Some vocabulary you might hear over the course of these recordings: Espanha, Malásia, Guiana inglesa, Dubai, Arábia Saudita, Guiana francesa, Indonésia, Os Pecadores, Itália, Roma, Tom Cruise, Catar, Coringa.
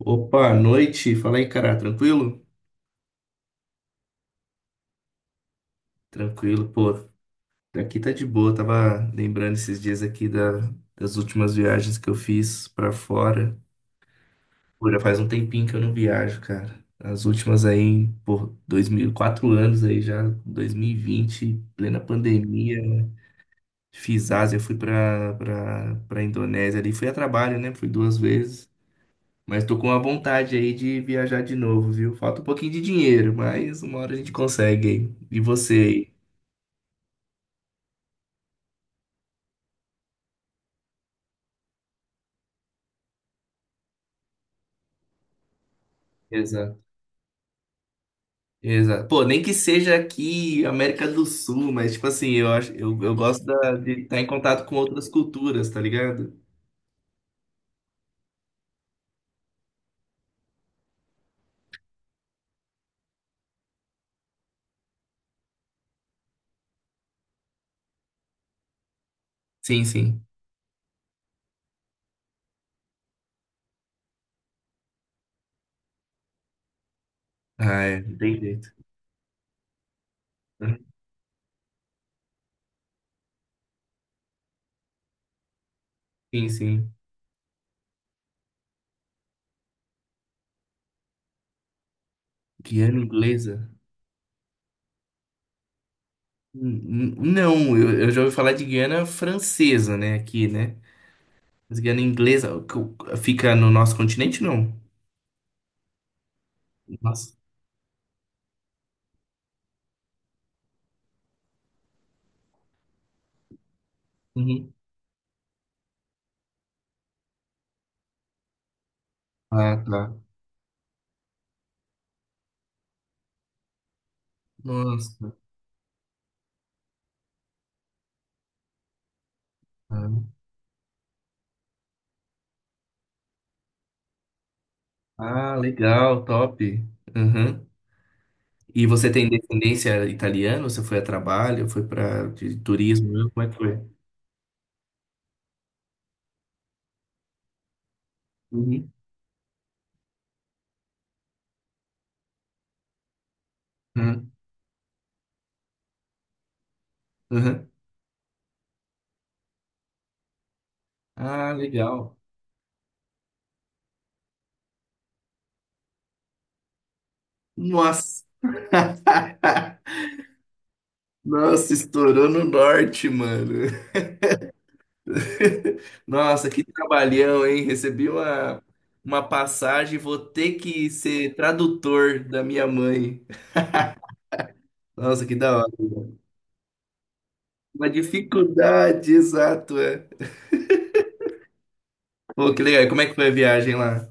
Opa, noite. Fala aí, cara. Tranquilo? Tranquilo, pô. Aqui tá de boa. Tava lembrando esses dias aqui das últimas viagens que eu fiz pra fora. Pô, já faz um tempinho que eu não viajo, cara. As últimas aí, por dois mil, 4 anos aí já, 2020, plena pandemia, né? Fiz Ásia, fui pra Indonésia ali. Fui a trabalho, né? Fui duas vezes. Mas tô com a vontade aí de viajar de novo, viu? Falta um pouquinho de dinheiro, mas uma hora a gente consegue aí. E você aí? Exato. Exato. Pô, nem que seja aqui América do Sul, mas tipo assim, eu acho, eu gosto de estar em contato com outras culturas, tá ligado? Sim, sim. Ah, é, não tem jeito. Sim, sim. Guiana inglesa? Não, eu já ouvi falar de Guiana francesa, né? Aqui, né? Mas Guiana inglesa fica no nosso continente, não? Nossa. Uhum. Ah, tá. Nossa, cara. Ah, legal, top. Uhum. E você tem descendência italiana? Você foi a trabalho? Foi para de turismo? Né? Como é que foi? Uhum. Uhum. Uhum. Ah, legal. Nossa, nossa, estourou no norte, mano. Nossa, que trabalhão, hein? Recebi uma passagem, vou ter que ser tradutor da minha mãe. Nossa, que da hora. Uma dificuldade, exato, é. Pô, que legal. E como é que foi a viagem lá?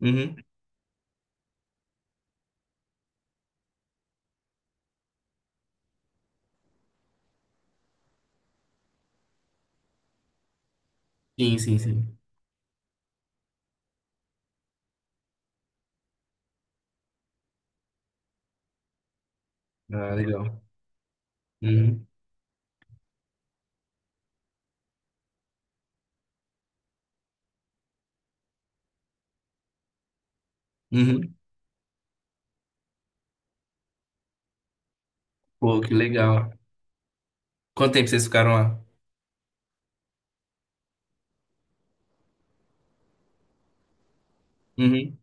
Uhum. Sim, sim, sim. Ah, legal. Uhum. Uhum. Pô, que legal. Quanto tempo vocês ficaram lá? Uhum.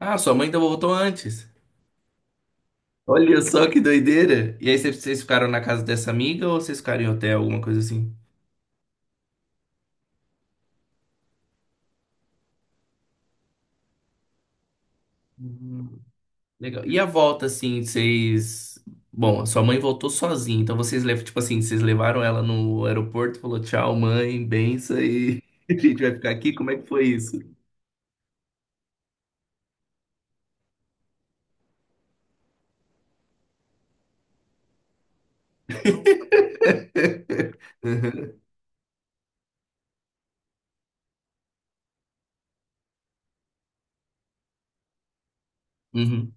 Ah, sua mãe então voltou antes. Olha só que doideira. E aí vocês ficaram na casa dessa amiga ou vocês ficaram em hotel, alguma coisa assim? Hum, Legal. E a volta, assim, vocês. Bom, a sua mãe voltou sozinha, então vocês levam, tipo assim, vocês levaram ela no aeroporto, falou tchau, mãe, benção e a gente vai ficar aqui. Como é que foi isso? Uhum.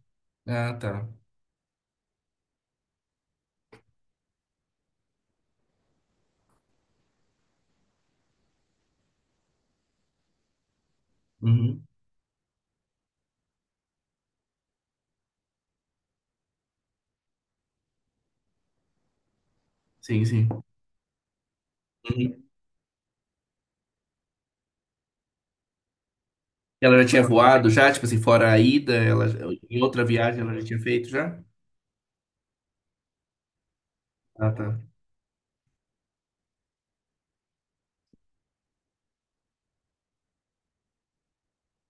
Ah, tá. Uhum. Sim, sim. Uhum. Ela já tinha voado já, tipo assim, fora a ida, ela, em outra viagem ela já tinha feito já? Ah, tá.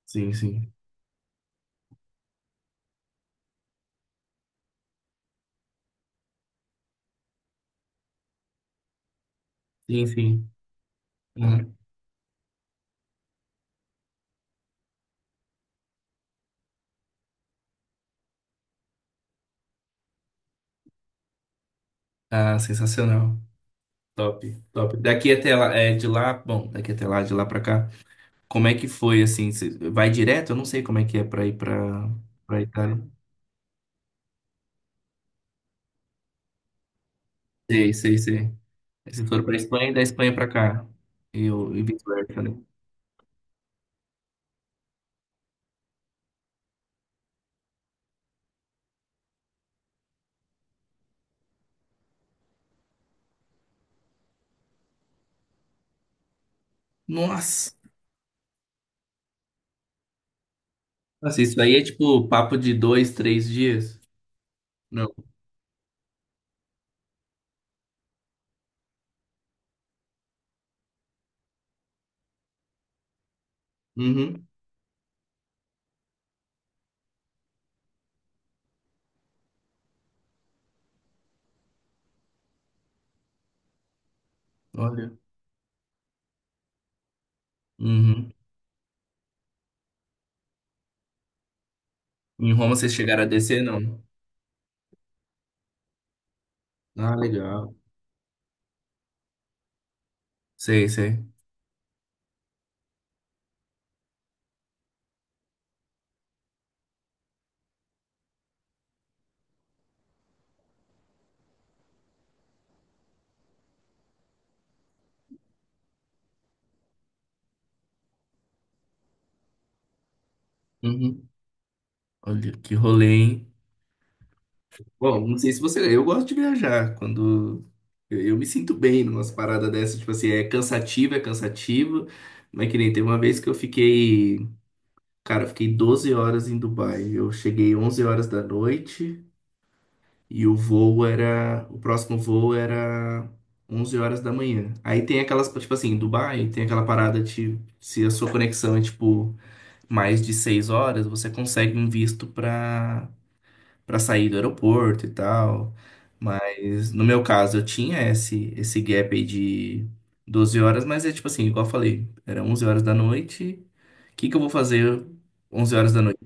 Sim, sim. Sim, sim. Uhum. Ah, sensacional. Top, top. Daqui até lá, é, de lá, bom, daqui até lá, de lá pra cá, como é que foi, assim, cê vai direto? Eu não sei como é que é pra ir pra Itália. Sei, sei, sei. Aí vocês foram pra Espanha e da Espanha pra cá. E, e vice-versa, né? Nossa! Nossa, isso aí é tipo papo de dois, três dias? Não. Uhum. Olha. Uhum. Em Roma vocês chegaram a descer, não? Ah, legal. Sei, sei. Uhum. Olha que rolê, hein? Bom, não sei se você. Eu gosto de viajar quando. Eu me sinto bem numas paradas dessas. Tipo assim, é cansativo, é cansativo. Mas que nem teve uma vez que eu fiquei. Cara, eu fiquei 12 horas em Dubai. Eu cheguei 11 horas da noite e o voo era. O próximo voo era 11 horas da manhã. Aí tem aquelas. Tipo assim, em Dubai tem aquela parada de. Se a sua conexão é tipo. Mais de 6 horas, você consegue um visto para sair do aeroporto e tal. Mas no meu caso, eu tinha esse gap aí de 12 horas, mas é tipo assim, igual eu falei, era 11 horas da noite. O que que eu vou fazer 11 horas da noite?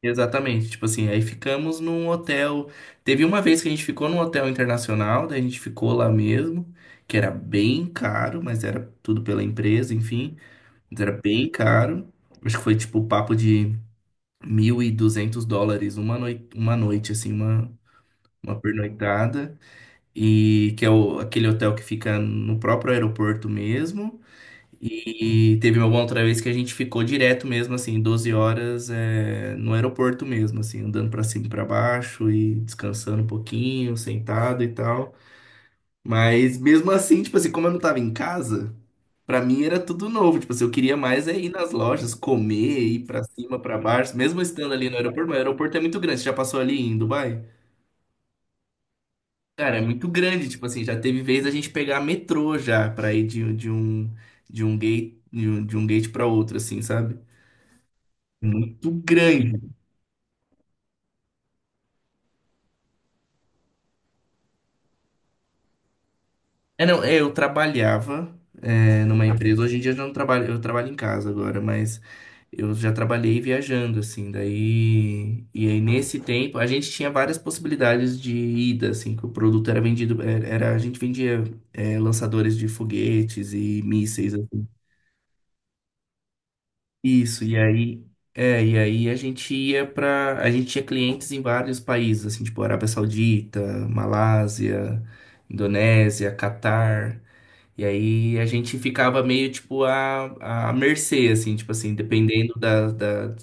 Exatamente, tipo assim, aí ficamos num hotel. Teve uma vez que a gente ficou num hotel internacional, daí a gente ficou lá mesmo, que era bem caro, mas era tudo pela empresa, enfim, mas era bem caro. Acho que foi tipo o papo de US$ 1.200 uma noite assim, uma pernoitada, e que é aquele hotel que fica no próprio aeroporto mesmo. E teve uma outra vez que a gente ficou direto mesmo, assim, 12 horas é, no aeroporto mesmo, assim, andando pra cima e pra baixo e descansando um pouquinho, sentado e tal. Mas mesmo assim, tipo assim, como eu não tava em casa. Pra mim era tudo novo, tipo assim, eu queria mais é ir nas lojas, comer, ir pra cima, pra baixo, mesmo estando ali no aeroporto, mas o aeroporto é muito grande, você já passou ali em Dubai? Cara, é muito grande, tipo assim, já teve vez a gente pegar metrô já pra ir de um gate de um gate para outro assim, sabe? Muito grande, é, não, é, eu trabalhava, é, numa empresa. Hoje em dia eu já não trabalho, eu trabalho em casa agora, mas eu já trabalhei viajando, assim. Daí, e aí nesse tempo a gente tinha várias possibilidades de ida, assim, que o produto era vendido, a gente vendia, é, lançadores de foguetes e mísseis, assim. Isso, e aí, é, e aí a gente ia para, a gente tinha clientes em vários países, assim, tipo Arábia Saudita, Malásia, Indonésia, Catar. E aí a gente ficava meio tipo à mercê, assim, tipo assim, dependendo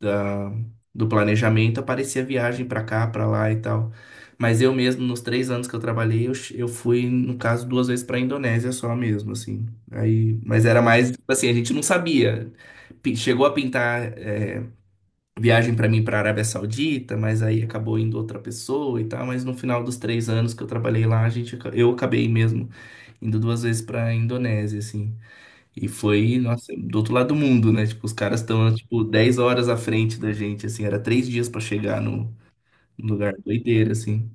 da- do planejamento, aparecia viagem pra cá, pra lá e tal. Mas eu mesmo, nos 3 anos que eu trabalhei, eu fui, no caso, duas vezes pra Indonésia só mesmo, assim. Aí, mas era mais, tipo assim, a gente não sabia. Chegou a pintar é, viagem pra mim pra Arábia Saudita, mas aí acabou indo outra pessoa e tal. Mas no final dos 3 anos que eu trabalhei lá, eu acabei mesmo indo duas vezes pra Indonésia, assim. E foi, nossa, do outro lado do mundo, né? Tipo, os caras estão, tipo, 10 horas à frente da gente, assim. Era três dias pra chegar no lugar. Doideira, assim.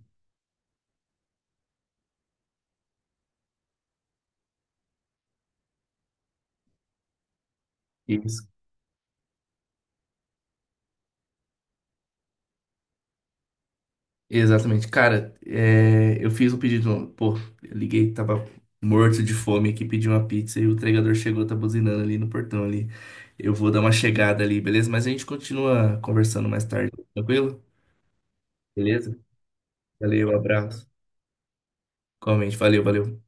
Isso. Exatamente. Cara, é, eu fiz um pedido. Pô, eu liguei, tava morto de fome aqui, pedi uma pizza e o entregador chegou, tá buzinando ali no portão ali. Eu vou dar uma chegada ali, beleza? Mas a gente continua conversando mais tarde, tranquilo? Beleza? Valeu, abraço. Comente, valeu, valeu.